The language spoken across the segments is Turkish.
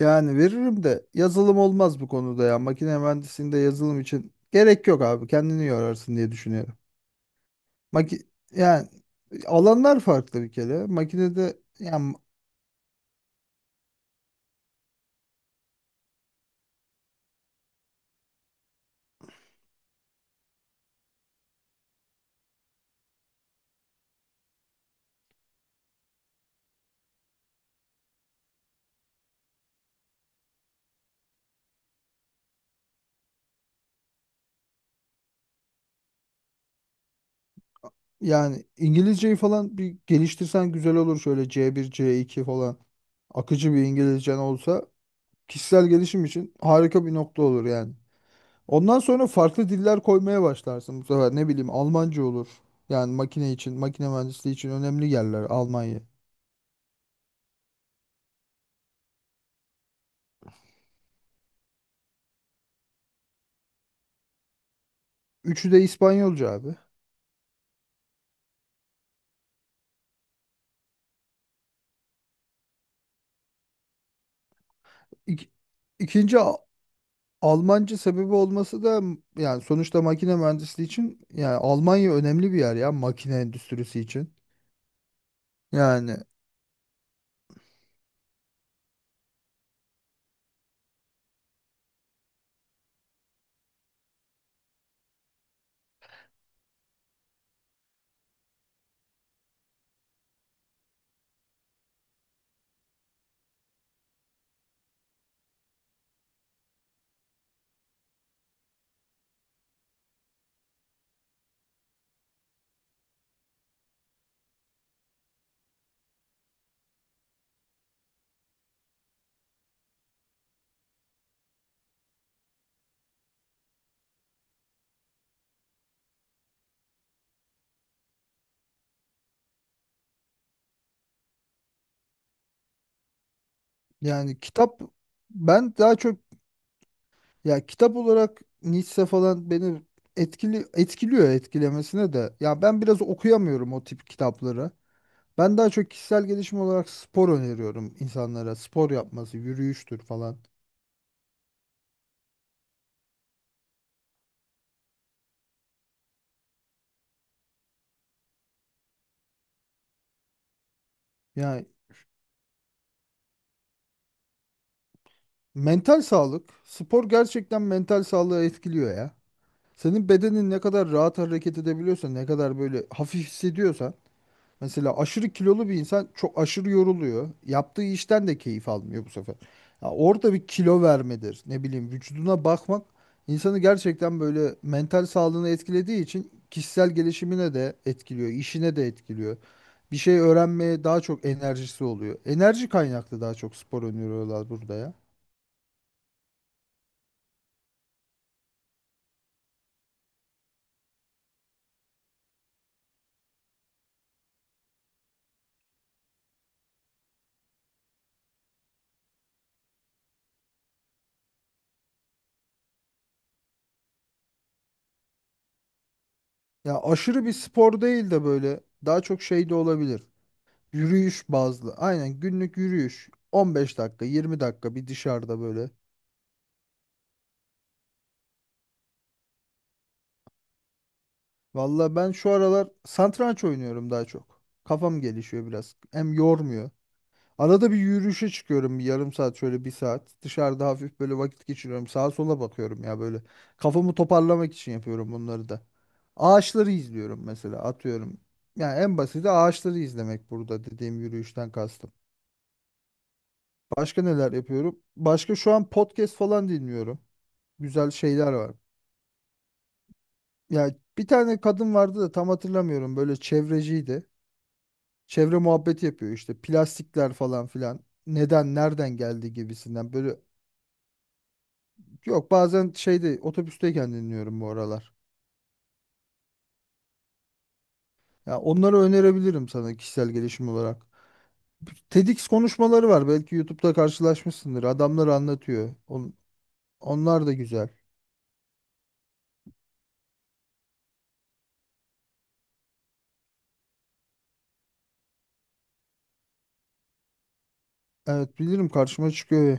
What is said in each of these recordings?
Yani veririm de yazılım olmaz bu konuda ya. Makine mühendisliğinde yazılım için gerek yok abi. Kendini yorarsın diye düşünüyorum. Maki yani alanlar farklı bir kere. Makinede, İngilizceyi falan bir geliştirsen güzel olur. Şöyle C1, C2 falan akıcı bir İngilizcen olsa kişisel gelişim için harika bir nokta olur yani. Ondan sonra farklı diller koymaya başlarsın bu sefer. Ne bileyim, Almanca olur. Yani makine için, makine mühendisliği için önemli yerler Almanya. Üçü de İspanyolca abi. İk, ikinci Almanca sebebi olması da yani sonuçta makine mühendisliği için, yani Almanya önemli bir yer ya, makine endüstrisi için. Yani yani kitap ben daha çok ya kitap olarak Nietzsche falan beni etkili etkiliyor etkilemesine de. Ya ben biraz okuyamıyorum o tip kitapları. Ben daha çok kişisel gelişim olarak spor öneriyorum insanlara. Spor yapması, yürüyüştür falan. Yani mental sağlık, spor gerçekten mental sağlığı etkiliyor ya. Senin bedenin ne kadar rahat hareket edebiliyorsa, ne kadar böyle hafif hissediyorsan, mesela aşırı kilolu bir insan çok aşırı yoruluyor. Yaptığı işten de keyif almıyor bu sefer. Ya orada bir kilo vermedir, ne bileyim vücuduna bakmak insanı gerçekten, böyle mental sağlığını etkilediği için, kişisel gelişimine de etkiliyor, işine de etkiliyor. Bir şey öğrenmeye daha çok enerjisi oluyor. Enerji kaynaklı daha çok spor öneriyorlar burada ya. Ya aşırı bir spor değil de böyle daha çok şey de olabilir. Yürüyüş bazlı. Aynen günlük yürüyüş. 15 dakika, 20 dakika bir dışarıda böyle. Valla ben şu aralar satranç oynuyorum daha çok. Kafam gelişiyor biraz. Hem yormuyor. Arada bir yürüyüşe çıkıyorum bir yarım saat, şöyle bir saat. Dışarıda hafif böyle vakit geçiriyorum. Sağa sola bakıyorum ya böyle. Kafamı toparlamak için yapıyorum bunları da. Ağaçları izliyorum mesela, atıyorum. Yani en basiti ağaçları izlemek, burada dediğim yürüyüşten kastım. Başka neler yapıyorum? Başka şu an podcast falan dinliyorum. Güzel şeyler var. Ya bir tane kadın vardı da tam hatırlamıyorum. Böyle çevreciydi. Çevre muhabbeti yapıyor işte. Plastikler falan filan. Neden, nereden geldi gibisinden. Böyle, yok, bazen şeyde, otobüsteyken dinliyorum bu aralar. Ya onları önerebilirim sana kişisel gelişim olarak. TEDx konuşmaları var. Belki YouTube'da karşılaşmışsındır. Adamlar anlatıyor. Onlar da güzel. Evet, bilirim, karşıma çıkıyor.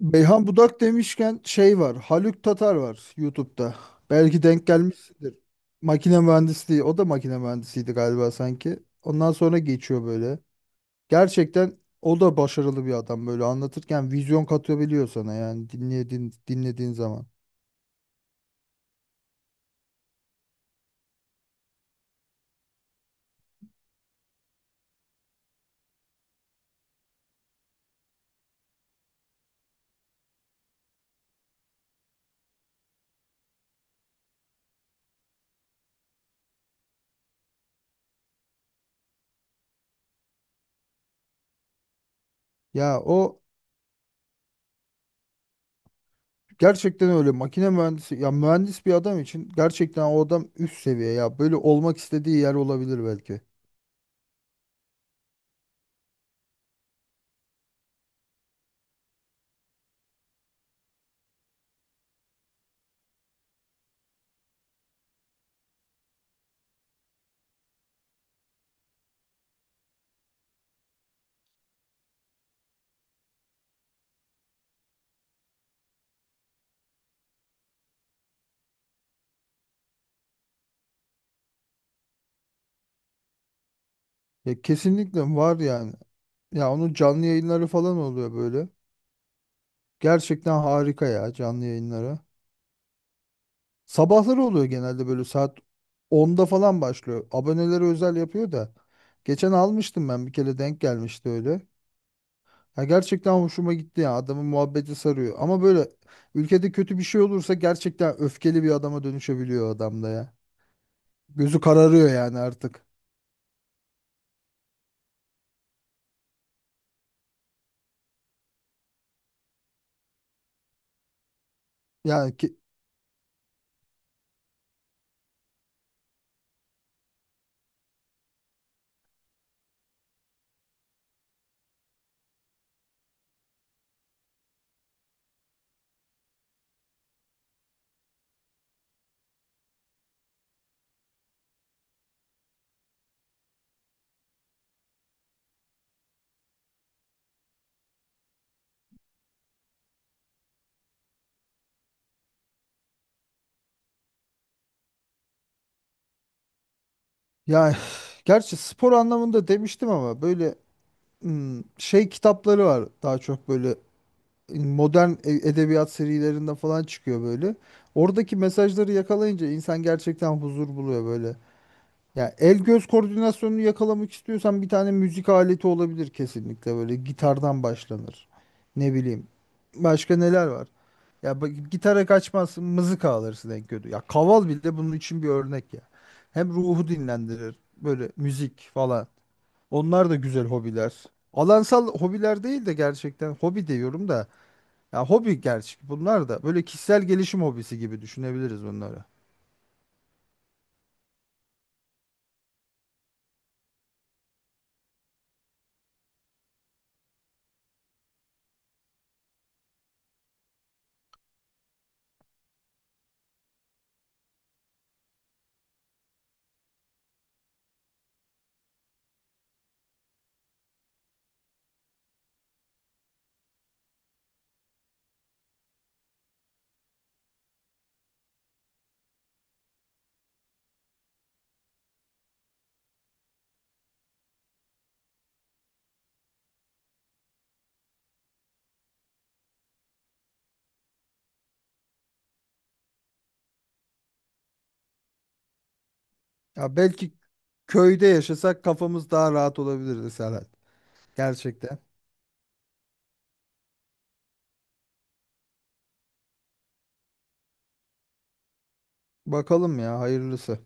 Beyhan Budak demişken şey var. Haluk Tatar var YouTube'da. Belki denk gelmişsindir. Makine mühendisliği. O da makine mühendisiydi galiba sanki. Ondan sonra geçiyor böyle. Gerçekten o da başarılı bir adam, böyle anlatırken vizyon katabiliyor sana, yani dinlediğin zaman. Ya o gerçekten öyle makine mühendisi ya, mühendis bir adam için gerçekten o adam üst seviye ya, böyle olmak istediği yer olabilir belki. Ya kesinlikle var yani. Ya onun canlı yayınları falan oluyor böyle. Gerçekten harika ya canlı yayınları. Sabahları oluyor genelde, böyle saat onda falan başlıyor. Abonelere özel yapıyor da. Geçen almıştım ben bir kere, denk gelmişti öyle. Ya gerçekten hoşuma gitti ya, adamın muhabbeti sarıyor. Ama böyle ülkede kötü bir şey olursa gerçekten öfkeli bir adama dönüşebiliyor adam da ya. Gözü kararıyor yani artık. Yani ki, yani, gerçi spor anlamında demiştim ama böyle, hmm, şey kitapları var daha çok, böyle modern edebiyat serilerinde falan çıkıyor böyle. Oradaki mesajları yakalayınca insan gerçekten huzur buluyor böyle. Ya el göz koordinasyonunu yakalamak istiyorsan bir tane müzik aleti olabilir, kesinlikle böyle gitardan başlanır. Ne bileyim. Başka neler var? Ya bak, gitara kaçmazsın, mızıka alırsın en kötü. Ya kaval bile bunun için bir örnek ya. Hem ruhu dinlendirir böyle müzik falan. Onlar da güzel hobiler. Alansal hobiler değil de gerçekten hobi diyorum da, ya hobi, gerçi bunlar da böyle kişisel gelişim hobisi gibi düşünebiliriz bunları. Ya belki köyde yaşasak kafamız daha rahat olabilirdi Serhat. Gerçekten. Bakalım ya, hayırlısı.